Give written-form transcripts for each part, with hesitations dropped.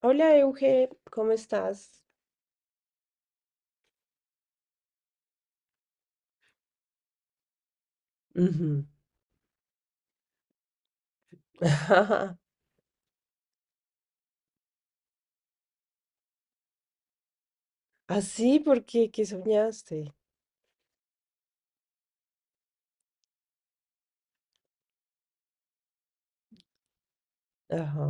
Hola Euge, ¿cómo estás? Ujú. Así porque ¿qué soñaste? Ajá.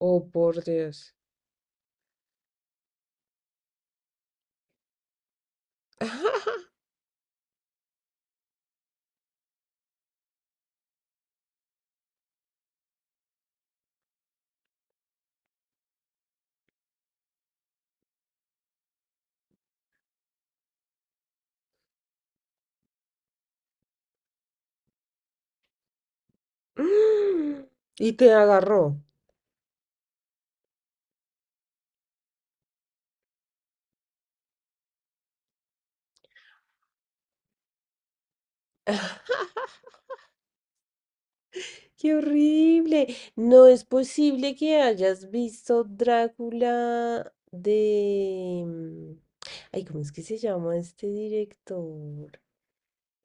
Oh, por Dios. Y te agarró. ¡Qué horrible! No es posible que hayas visto Drácula de... ay, ¿cómo es que se llama este director?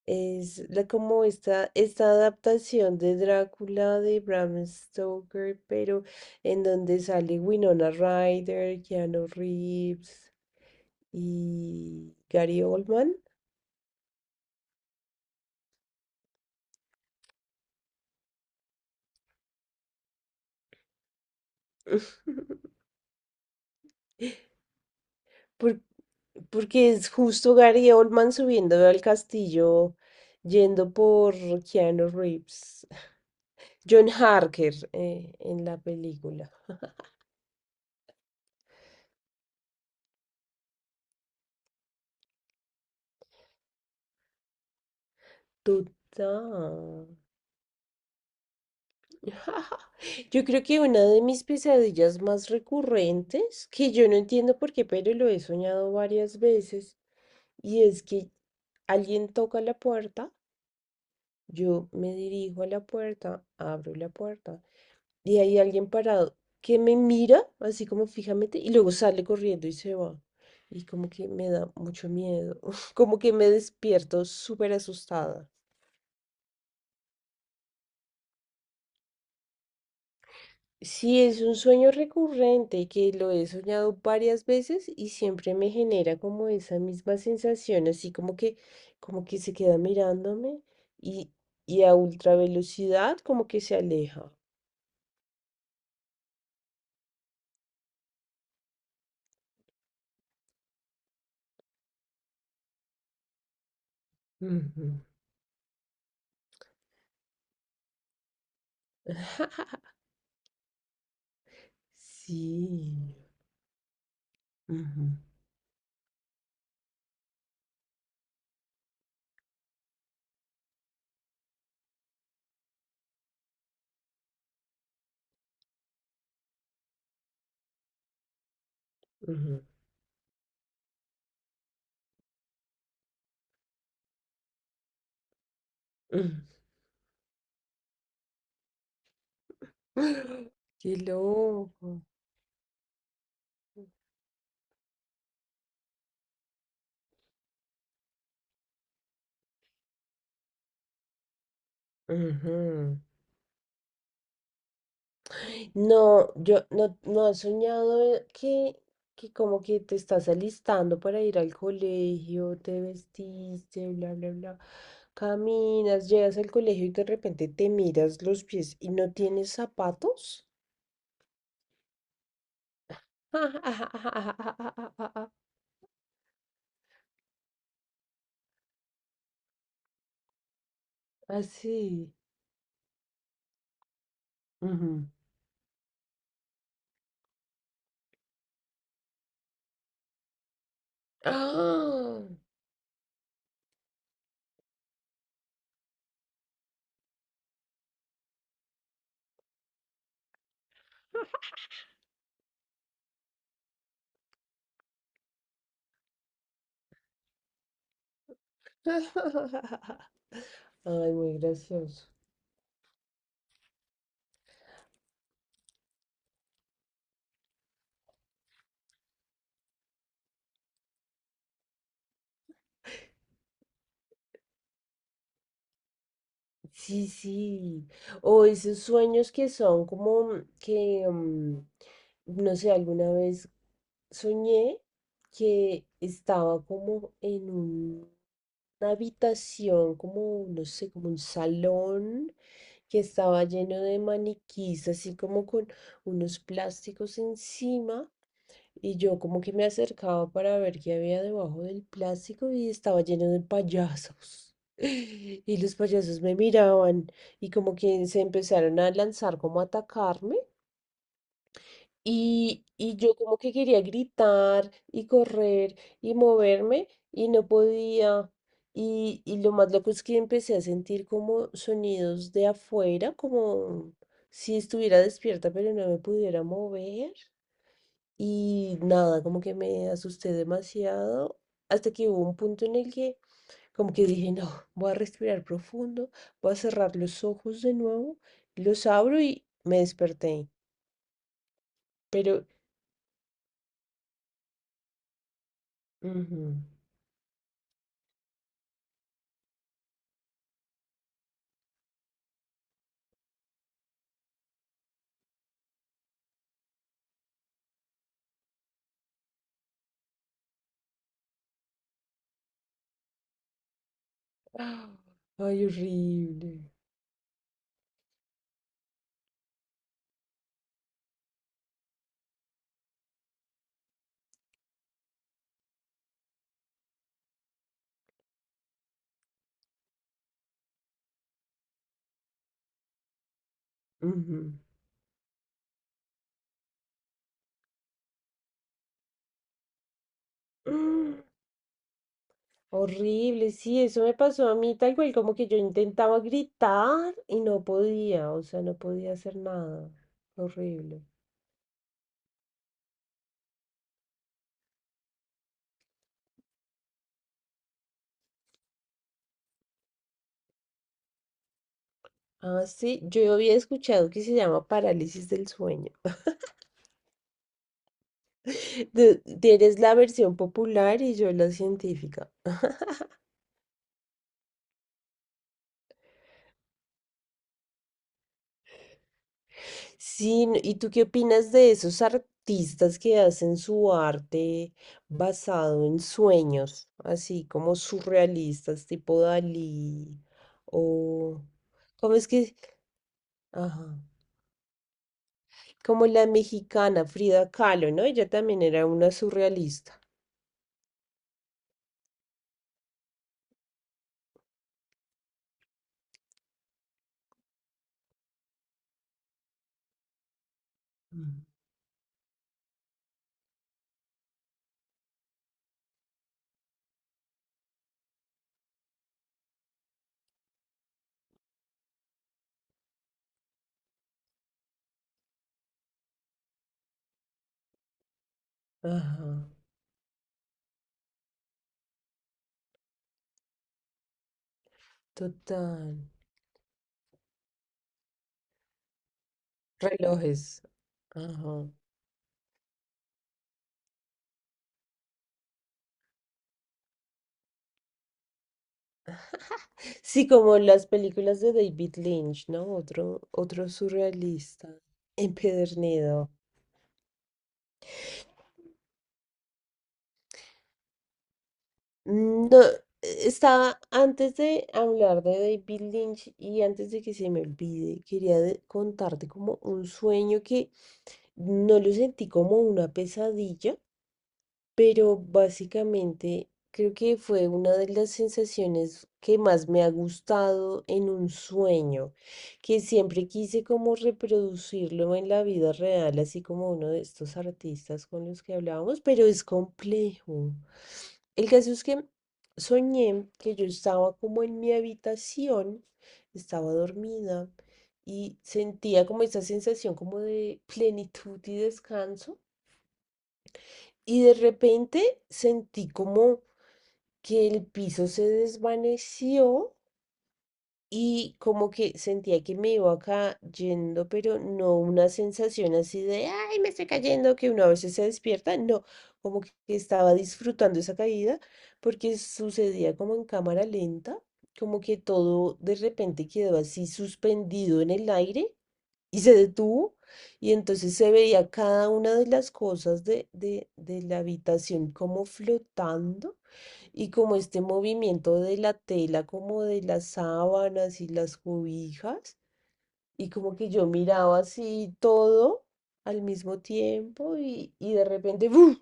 Es la, esta adaptación de Drácula de Bram Stoker, pero en donde sale Winona Ryder, Keanu Reeves y Gary Oldman. Por- Porque es justo Gary Oldman subiendo al castillo, yendo por Keanu Reeves. John Harker en la película. Total. Yo creo que una de mis pesadillas más recurrentes, que yo no entiendo por qué, pero lo he soñado varias veces, y es que alguien toca la puerta, yo me dirijo a la puerta, abro la puerta, y hay alguien parado que me mira así como fijamente y luego sale corriendo y se va. Y como que me da mucho miedo, como que me despierto súper asustada. Sí, es un sueño recurrente que lo he soñado varias veces y siempre me genera como esa misma sensación, así como que se queda mirándome y, y a ultra velocidad como que se aleja. Ujú. Sí. Ujú, ujú, ujú. Qué loco. Ujú. No, yo no has soñado que como que te estás alistando para ir al colegio, te vestiste, bla, bla, bla. Caminas, llegas al colegio y de repente te miras los pies y no tienes zapatos. Así. Ujú. ¡Ah! Ay, muy gracioso. Sí, sí. O esos sueños que son como que, no sé, alguna vez soñé que estaba como en una habitación, como, no sé, como un salón que estaba lleno de maniquís, así como con unos plásticos encima. Y yo como que me acercaba para ver qué había debajo del plástico y estaba lleno de payasos. Y los payasos me miraban y como que se empezaron a lanzar como a atacarme. Y yo como que quería gritar y correr y moverme y no podía. Y lo más loco es que empecé a sentir como sonidos de afuera, como si estuviera despierta pero no me pudiera mover. Y nada, como que me asusté demasiado hasta que hubo un punto en el que como que dije, no, voy a respirar profundo, voy a cerrar los ojos de nuevo, los abro y me desperté. Pero, ujú, ah, ay, horrible. Ujú, ah. Horrible, sí, eso me pasó a mí tal cual, como que yo intentaba gritar y no podía, o sea, no podía hacer nada. Horrible. Ah, sí, yo había escuchado que se llama parálisis del sueño. Eres la versión popular y yo la científica. Sí, ¿y tú qué opinas de esos artistas que hacen su arte basado en sueños, así como surrealistas, tipo Dalí o ¿cómo es que? Ajá, como la mexicana Frida Kahlo, ¿no? Ella también era una surrealista. Mm. Ajá, total. Relojes. Ajá. Sí, como en las películas de David Lynch, ¿no? Otro, otro surrealista. Empedernido. No, estaba antes de hablar de David Lynch y antes de que se me olvide, quería contarte como un sueño que no lo sentí como una pesadilla, pero básicamente creo que fue una de las sensaciones que más me ha gustado en un sueño, que siempre quise como reproducirlo en la vida real, así como uno de estos artistas con los que hablábamos, pero es complejo. El caso es que soñé que yo estaba como en mi habitación, estaba dormida y sentía como esa sensación como de plenitud y descanso. Y de repente sentí como que el piso se desvaneció y como que sentía que me iba cayendo, pero no una sensación así de, ay, me estoy cayendo, que uno a veces se despierta, no, como que estaba disfrutando esa caída porque sucedía como en cámara lenta, como que todo de repente quedó así suspendido en el aire y se detuvo y entonces se veía cada una de las cosas de la habitación como flotando y como este movimiento de la tela, como de las sábanas y las cobijas y como que yo miraba así todo al mismo tiempo y de repente ¡buf!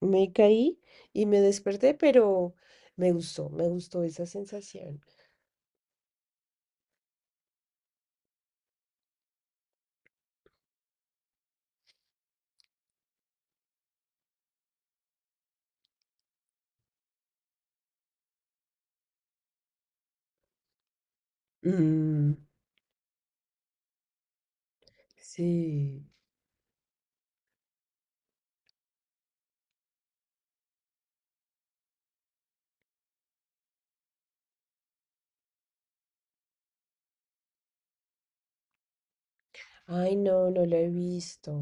Me caí y me desperté, pero me gustó esa sensación. Mm, sí. Ay, no, no la he visto.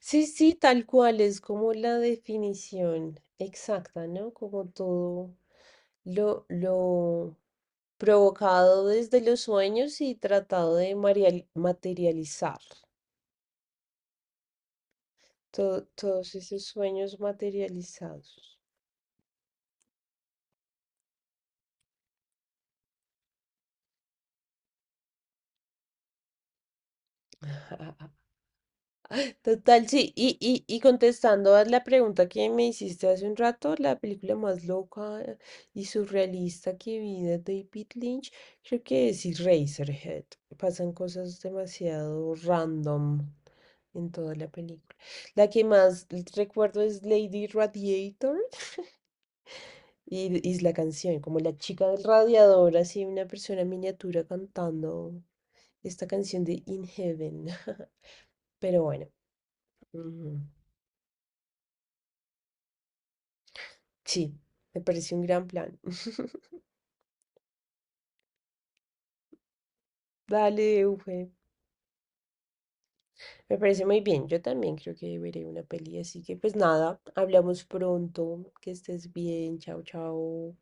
Sí, sí, tal cual, es como la definición exacta, ¿no? Como todo lo provocado desde los sueños y tratado de materializar. To- todos esos sueños materializados. Total, sí. Y contestando a la pregunta que me hiciste hace un rato, la película más loca y surrealista que vi de David Lynch, creo que es Eraserhead. Pasan cosas demasiado random en toda la película. La que más recuerdo es Lady Radiator y es la canción, como la chica del radiador, así una persona en miniatura cantando esta canción de In Heaven. Pero bueno. Ujú. Sí, me parece un gran plan. Dale, Ufe. Me parece muy bien. Yo también creo que veré una peli, así que pues nada, hablamos pronto. Que estés bien. Chao, chao.